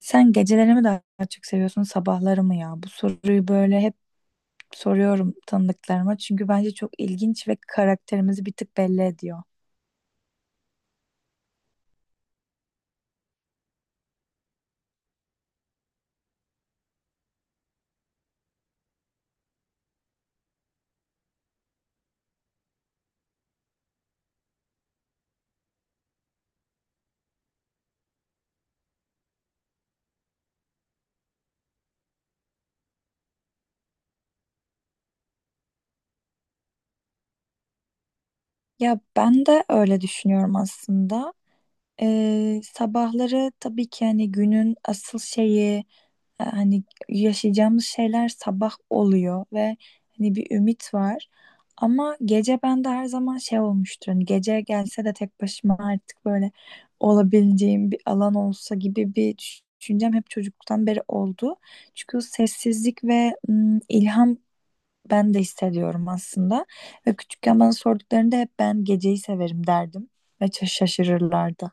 Sen geceleri mi daha çok seviyorsun, sabahları mı ya? Bu soruyu böyle hep soruyorum tanıdıklarıma çünkü bence çok ilginç ve karakterimizi bir tık belli ediyor. Ya ben de öyle düşünüyorum aslında. Sabahları tabii ki hani günün asıl şeyi, hani yaşayacağımız şeyler sabah oluyor ve hani bir ümit var. Ama gece bende her zaman şey olmuştur. Hani gece gelse de tek başıma artık böyle olabileceğim bir alan olsa gibi bir düşüncem hep çocukluktan beri oldu. Çünkü o sessizlik ve ilham ben de hissediyorum aslında. Ve küçükken bana sorduklarında hep ben geceyi severim derdim. Ve şaşırırlardı.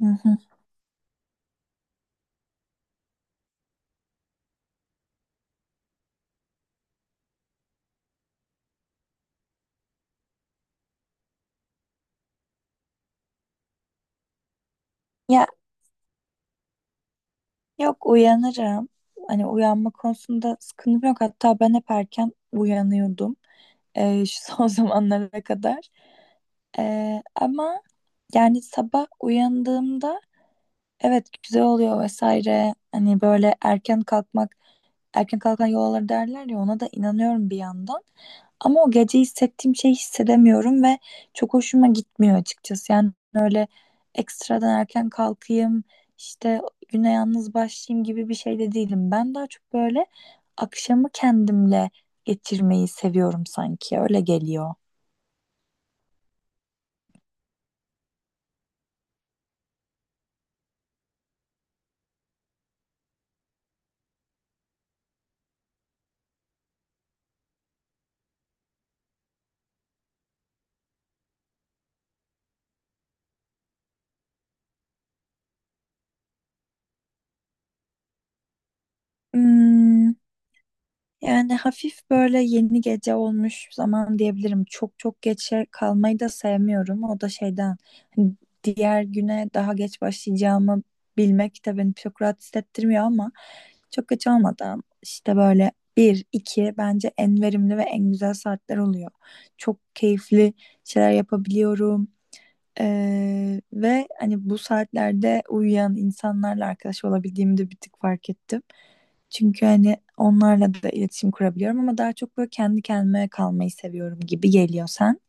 Hı hı. Ya, yok, uyanırım. Hani uyanma konusunda sıkıntım yok. Hatta ben hep erken uyanıyordum. Şu son zamanlara kadar. Ama yani sabah uyandığımda evet, güzel oluyor vesaire. Hani böyle erken kalkmak, erken kalkan yol alır derler ya, ona da inanıyorum bir yandan. Ama o gece hissettiğim şeyi hissedemiyorum ve çok hoşuma gitmiyor açıkçası. Yani öyle ekstradan erken kalkayım, işte güne yalnız başlayayım gibi bir şey de değilim. Ben daha çok böyle akşamı kendimle geçirmeyi seviyorum sanki. Öyle geliyor. Hmm. Yani hafif böyle yeni gece olmuş zaman diyebilirim. Çok çok geçe kalmayı da sevmiyorum. O da şeyden, hani diğer güne daha geç başlayacağımı bilmek de beni çok rahat hissettirmiyor ama çok geç olmadan işte böyle bir, iki bence en verimli ve en güzel saatler oluyor. Çok keyifli şeyler yapabiliyorum. Ve hani bu saatlerde uyuyan insanlarla arkadaş olabildiğimi de bir tık fark ettim. Çünkü hani onlarla da iletişim kurabiliyorum ama daha çok böyle kendi kendime kalmayı seviyorum gibi geliyor sen.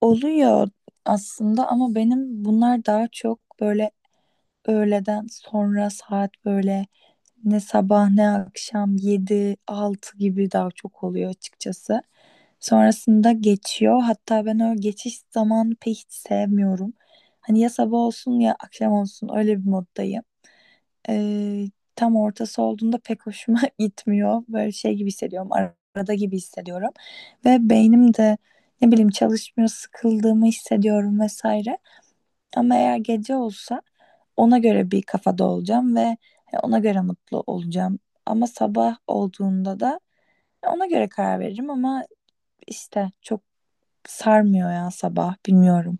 Oluyor aslında ama benim bunlar daha çok böyle öğleden sonra saat böyle ne sabah ne akşam yedi altı gibi daha çok oluyor açıkçası. Sonrasında geçiyor. Hatta ben o geçiş zamanı pek hiç sevmiyorum. Hani ya sabah olsun ya akşam olsun öyle bir moddayım. Ee, Tam ortası olduğunda pek hoşuma gitmiyor. Böyle şey gibi hissediyorum. Arada gibi hissediyorum. Ve beynim de ne bileyim çalışmıyor, sıkıldığımı hissediyorum vesaire. Ama eğer gece olsa ona göre bir kafada olacağım ve ona göre mutlu olacağım. Ama sabah olduğunda da ona göre karar veririm ama işte çok sarmıyor ya sabah, bilmiyorum.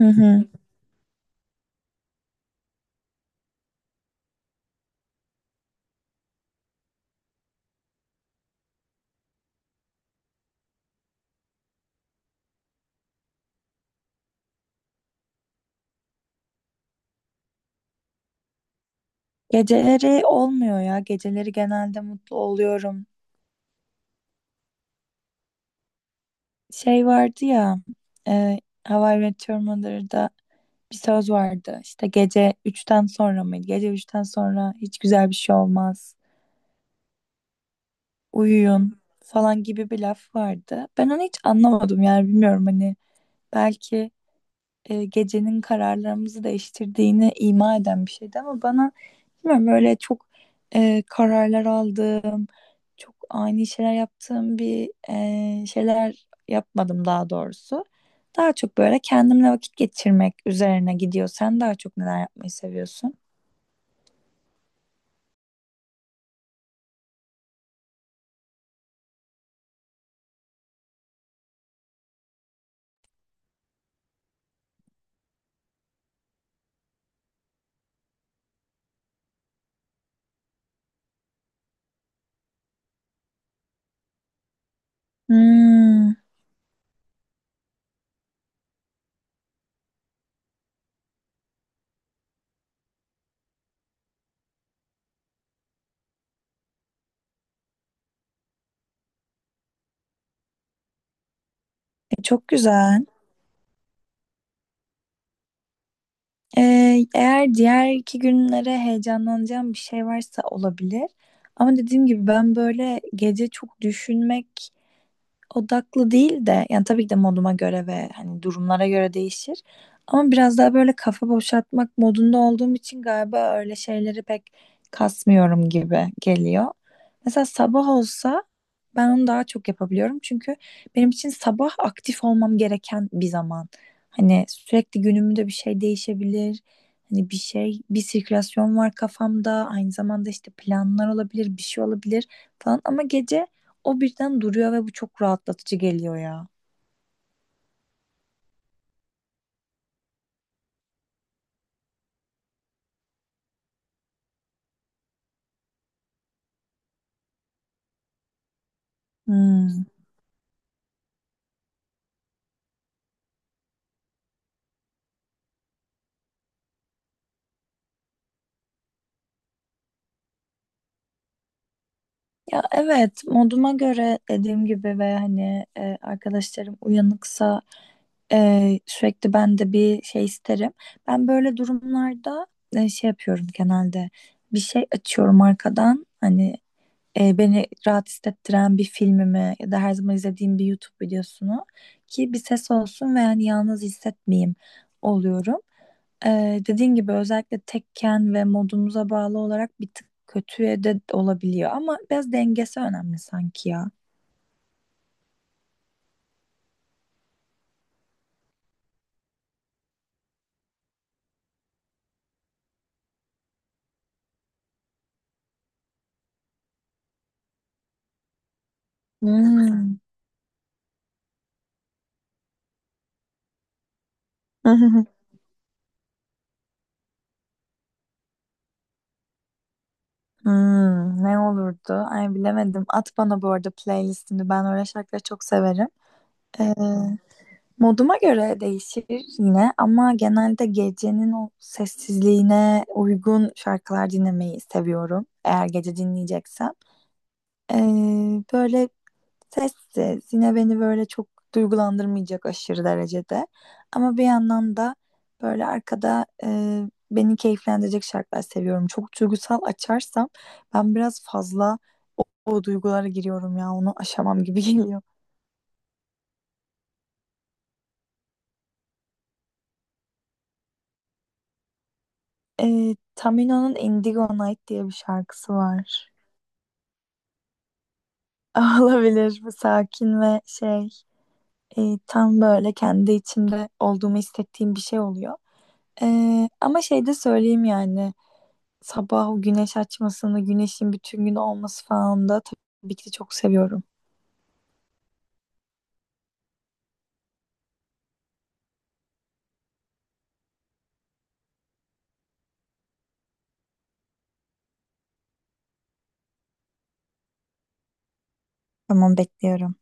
Hı hı. Geceleri olmuyor ya. Geceleri genelde mutlu oluyorum. Şey vardı ya, e, How I Met Your Mother'da bir söz vardı. İşte gece üçten sonra mıydı? Gece üçten sonra hiç güzel bir şey olmaz. Uyuyun falan gibi bir laf vardı. Ben onu hiç anlamadım yani bilmiyorum, hani belki gecenin kararlarımızı değiştirdiğini ima eden bir şeydi ama bana bilmiyorum, böyle çok kararlar aldığım, çok ani şeyler yaptığım bir şeyler yapmadım daha doğrusu. Daha çok böyle kendimle vakit geçirmek üzerine gidiyor. Sen daha çok neler yapmayı seviyorsun? Hmm. Çok güzel. E, Eğer diğer iki günlere heyecanlanacağım bir şey varsa olabilir. Ama dediğim gibi ben böyle gece çok düşünmek odaklı değil de yani tabii ki de moduma göre ve hani durumlara göre değişir. Ama biraz daha böyle kafa boşaltmak modunda olduğum için galiba öyle şeyleri pek kasmıyorum gibi geliyor. Mesela sabah olsa ben onu daha çok yapabiliyorum. Çünkü benim için sabah aktif olmam gereken bir zaman. Hani sürekli günümde bir şey değişebilir. Hani bir şey, bir sirkülasyon var kafamda. Aynı zamanda işte planlar olabilir, bir şey olabilir falan. Ama gece o birden duruyor ve bu çok rahatlatıcı geliyor ya. Hmm. Ya evet, moduma göre dediğim gibi ve hani arkadaşlarım uyanıksa sürekli ben de bir şey isterim. Ben böyle durumlarda şey yapıyorum genelde, bir şey açıyorum arkadan, hani beni rahat hissettiren bir filmimi ya da her zaman izlediğim bir YouTube videosunu, ki bir ses olsun ve yani yalnız hissetmeyeyim, oluyorum. Dediğin gibi özellikle tekken ve modumuza bağlı olarak bir tık kötüye de olabiliyor ama biraz dengesi önemli sanki ya. Hmm. Hmm, ne olurdu? Ay, bilemedim. At bana bu arada playlistini. Ben öyle şarkıları çok severim. Ee, Moduma göre değişir yine ama genelde gecenin o sessizliğine uygun şarkılar dinlemeyi seviyorum. Eğer gece dinleyeceksem. Ee, Böyle sessiz. Yine beni böyle çok duygulandırmayacak aşırı derecede. Ama bir yandan da böyle arkada beni keyiflendirecek şarkılar seviyorum. Çok duygusal açarsam ben biraz fazla o duygulara giriyorum ya. Onu aşamam gibi geliyor. Tamino'nun Indigo Night diye bir şarkısı var. Olabilir, bu sakin ve şey, tam böyle kendi içimde olduğumu hissettiğim bir şey oluyor. Ama şey de söyleyeyim, yani sabah o güneş açmasını, güneşin bütün gün olması falan da tabii ki de çok seviyorum. Tamam, bekliyorum.